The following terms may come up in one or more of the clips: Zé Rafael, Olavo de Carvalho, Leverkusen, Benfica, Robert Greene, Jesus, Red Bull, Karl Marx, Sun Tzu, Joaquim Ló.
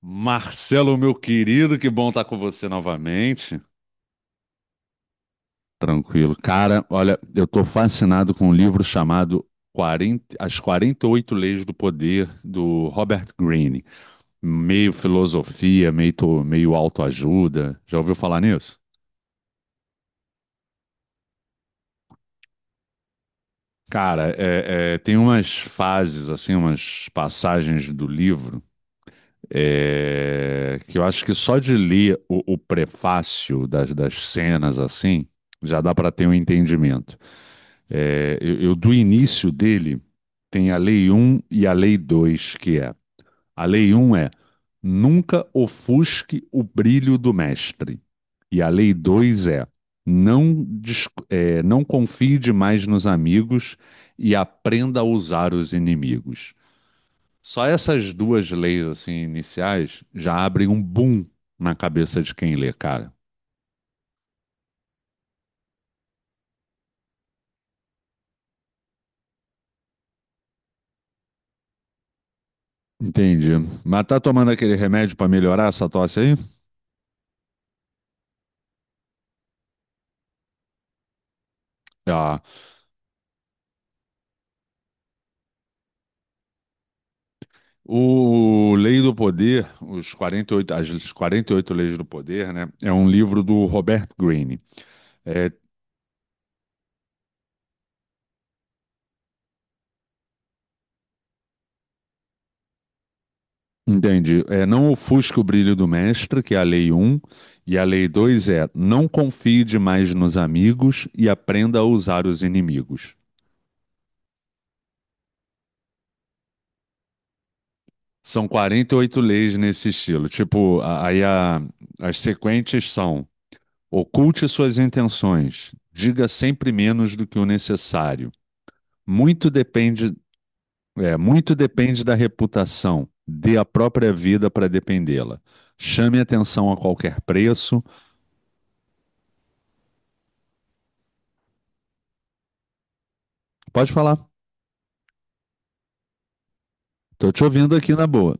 Marcelo, meu querido, que bom estar com você novamente. Tranquilo. Cara, olha, eu estou fascinado com um livro chamado 40 As 48 Leis do Poder, do Robert Greene. Meio filosofia, meio autoajuda. Já ouviu falar nisso? Cara, tem umas fases, assim, umas passagens do livro que eu acho que só de ler o prefácio das cenas, assim, já dá para ter um entendimento. Eu do início dele, tem a Lei um e a Lei 2 que é. A Lei um é nunca ofusque o brilho do mestre. E a Lei 2 é não, não confie demais nos amigos e aprenda a usar os inimigos. Só essas duas leis assim iniciais já abrem um boom na cabeça de quem lê, cara. Entendi. Mas tá tomando aquele remédio para melhorar essa tosse aí? Ah, o Lei do Poder, os 48, as 48 Leis do Poder, né? É um livro do Robert Greene. É, entende? É, não ofusque o brilho do mestre, que é a Lei um e a Lei 2 é não confie demais nos amigos e aprenda a usar os inimigos. São 48 leis nesse estilo. Tipo, as sequentes são: oculte suas intenções, diga sempre menos do que o necessário. Muito depende, muito depende da reputação. Dê a própria vida para dependê-la. Chame atenção a qualquer preço. Pode falar. Tô te ouvindo aqui na boa.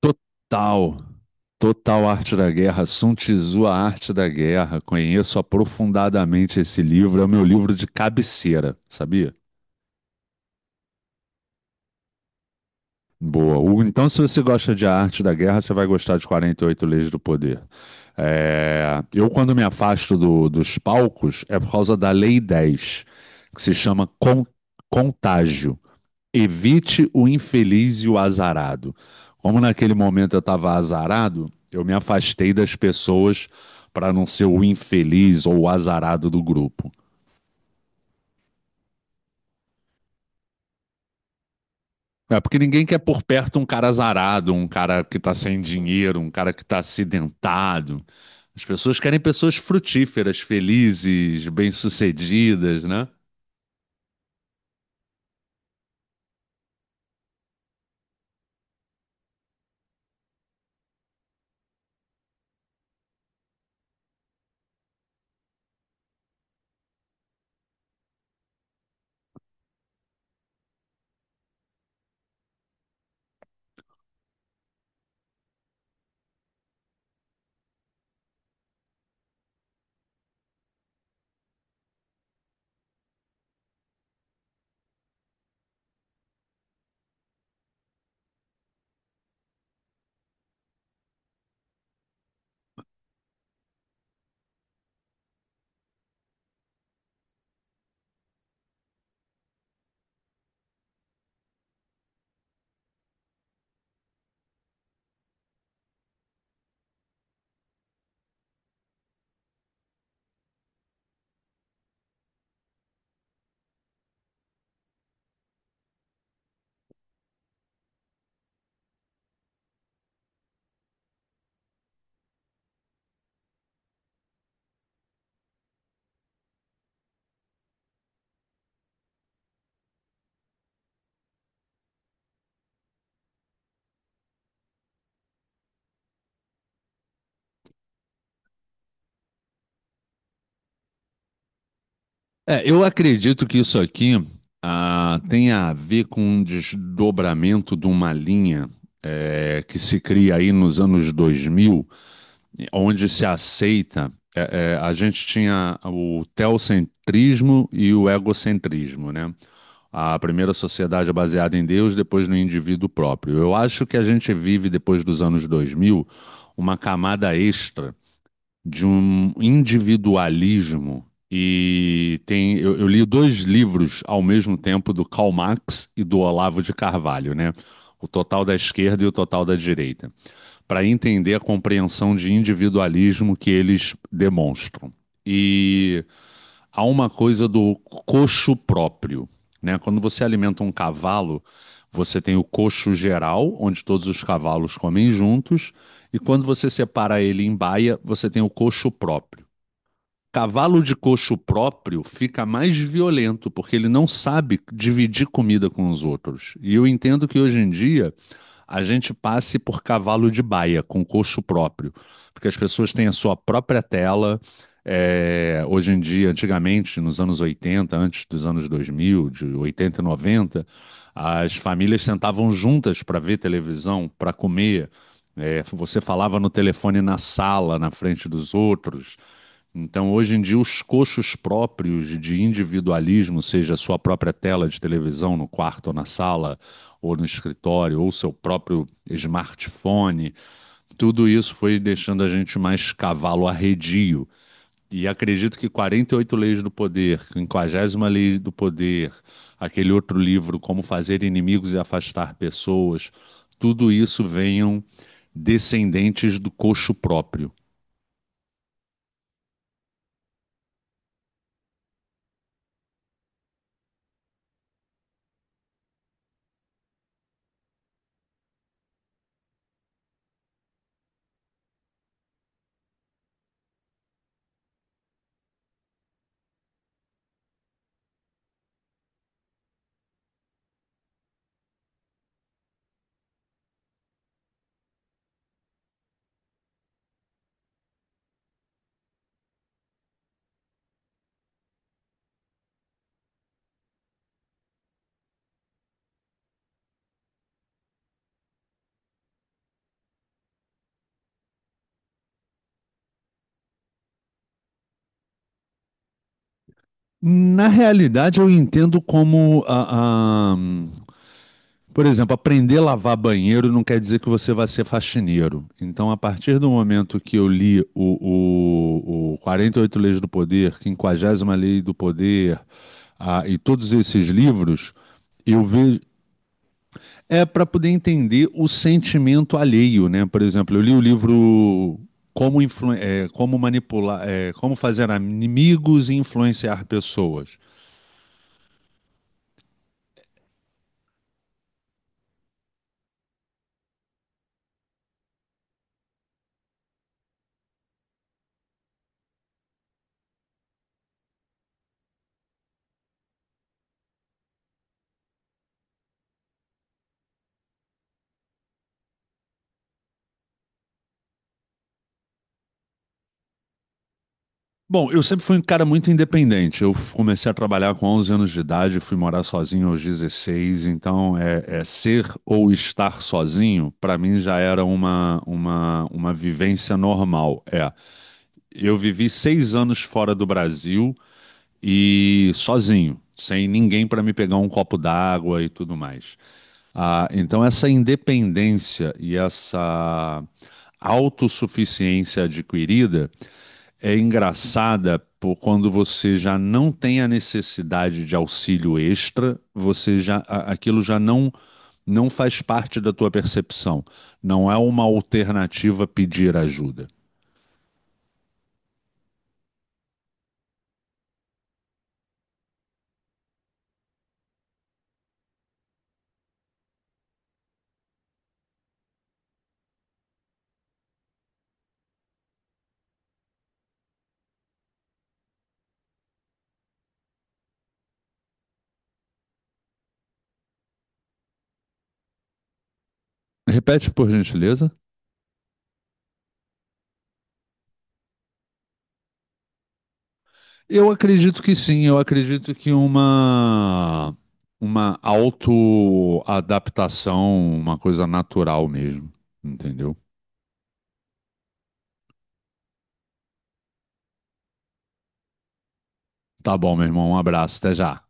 Total. Total Arte da Guerra, Sun Tzu, A Arte da Guerra. Conheço aprofundadamente esse livro, é o meu livro de cabeceira, sabia? Boa. Hugo, então, se você gosta de A Arte da Guerra, você vai gostar de 48 Leis do Poder. É, eu, quando me afasto dos palcos, é por causa da Lei 10, que se chama contágio. Evite o infeliz e o azarado. Como naquele momento eu estava azarado, eu me afastei das pessoas para não ser o infeliz ou o azarado do grupo. É porque ninguém quer por perto um cara azarado, um cara que tá sem dinheiro, um cara que tá acidentado. As pessoas querem pessoas frutíferas, felizes, bem-sucedidas, né? Eu acredito que isso aqui tenha a ver com um desdobramento de uma linha que se cria aí nos anos 2000, onde se aceita. A gente tinha o teocentrismo e o egocentrismo, né? A primeira sociedade é baseada em Deus, depois no indivíduo próprio. Eu acho que a gente vive, depois dos anos dois mil, uma camada extra de um individualismo. E tem, eu li dois livros ao mesmo tempo do Karl Marx e do Olavo de Carvalho, né? O total da esquerda e o total da direita, para entender a compreensão de individualismo que eles demonstram. E há uma coisa do coxo próprio, né? Quando você alimenta um cavalo, você tem o coxo geral, onde todos os cavalos comem juntos, e quando você separa ele em baia, você tem o coxo próprio. Cavalo de coxo próprio fica mais violento, porque ele não sabe dividir comida com os outros. E eu entendo que hoje em dia a gente passe por cavalo de baia, com coxo próprio, porque as pessoas têm a sua própria tela. Hoje em dia, antigamente, nos anos 80, antes dos anos 2000, de 80 e 90, as famílias sentavam juntas para ver televisão, para comer. É, você falava no telefone na sala, na frente dos outros. Então, hoje em dia, os coxos próprios de individualismo, seja a sua própria tela de televisão no quarto ou na sala, ou no escritório, ou seu próprio smartphone, tudo isso foi deixando a gente mais cavalo arredio. E acredito que 48 Leis do Poder, 50 Lei do Poder, aquele outro livro, Como Fazer Inimigos e Afastar Pessoas, tudo isso venham descendentes do coxo próprio. Na realidade, eu entendo como por exemplo, aprender a lavar banheiro não quer dizer que você vai ser faxineiro. Então, a partir do momento que eu li o 48 Leis do Poder, quinquagésima Lei do Poder, ah, e todos esses livros, eu vejo. É para poder entender o sentimento alheio, né? Por exemplo, eu li o livro Como, Influ- eh, Como Manipular, eh, Como Fazer Amigos e Influenciar Pessoas. Bom, eu sempre fui um cara muito independente. Eu comecei a trabalhar com 11 anos de idade, fui morar sozinho aos 16. Então, é ser ou estar sozinho, para mim já era uma vivência normal. É, eu vivi 6 anos fora do Brasil e sozinho, sem ninguém para me pegar um copo d'água e tudo mais. Ah, então, essa independência e essa autossuficiência adquirida é engraçada por quando você já não tem a necessidade de auxílio extra, você já aquilo já não faz parte da tua percepção. Não é uma alternativa pedir ajuda. Repete, por gentileza. Eu acredito que sim, eu acredito que uma autoadaptação, uma coisa natural mesmo, entendeu? Tá bom, meu irmão, um abraço, até já.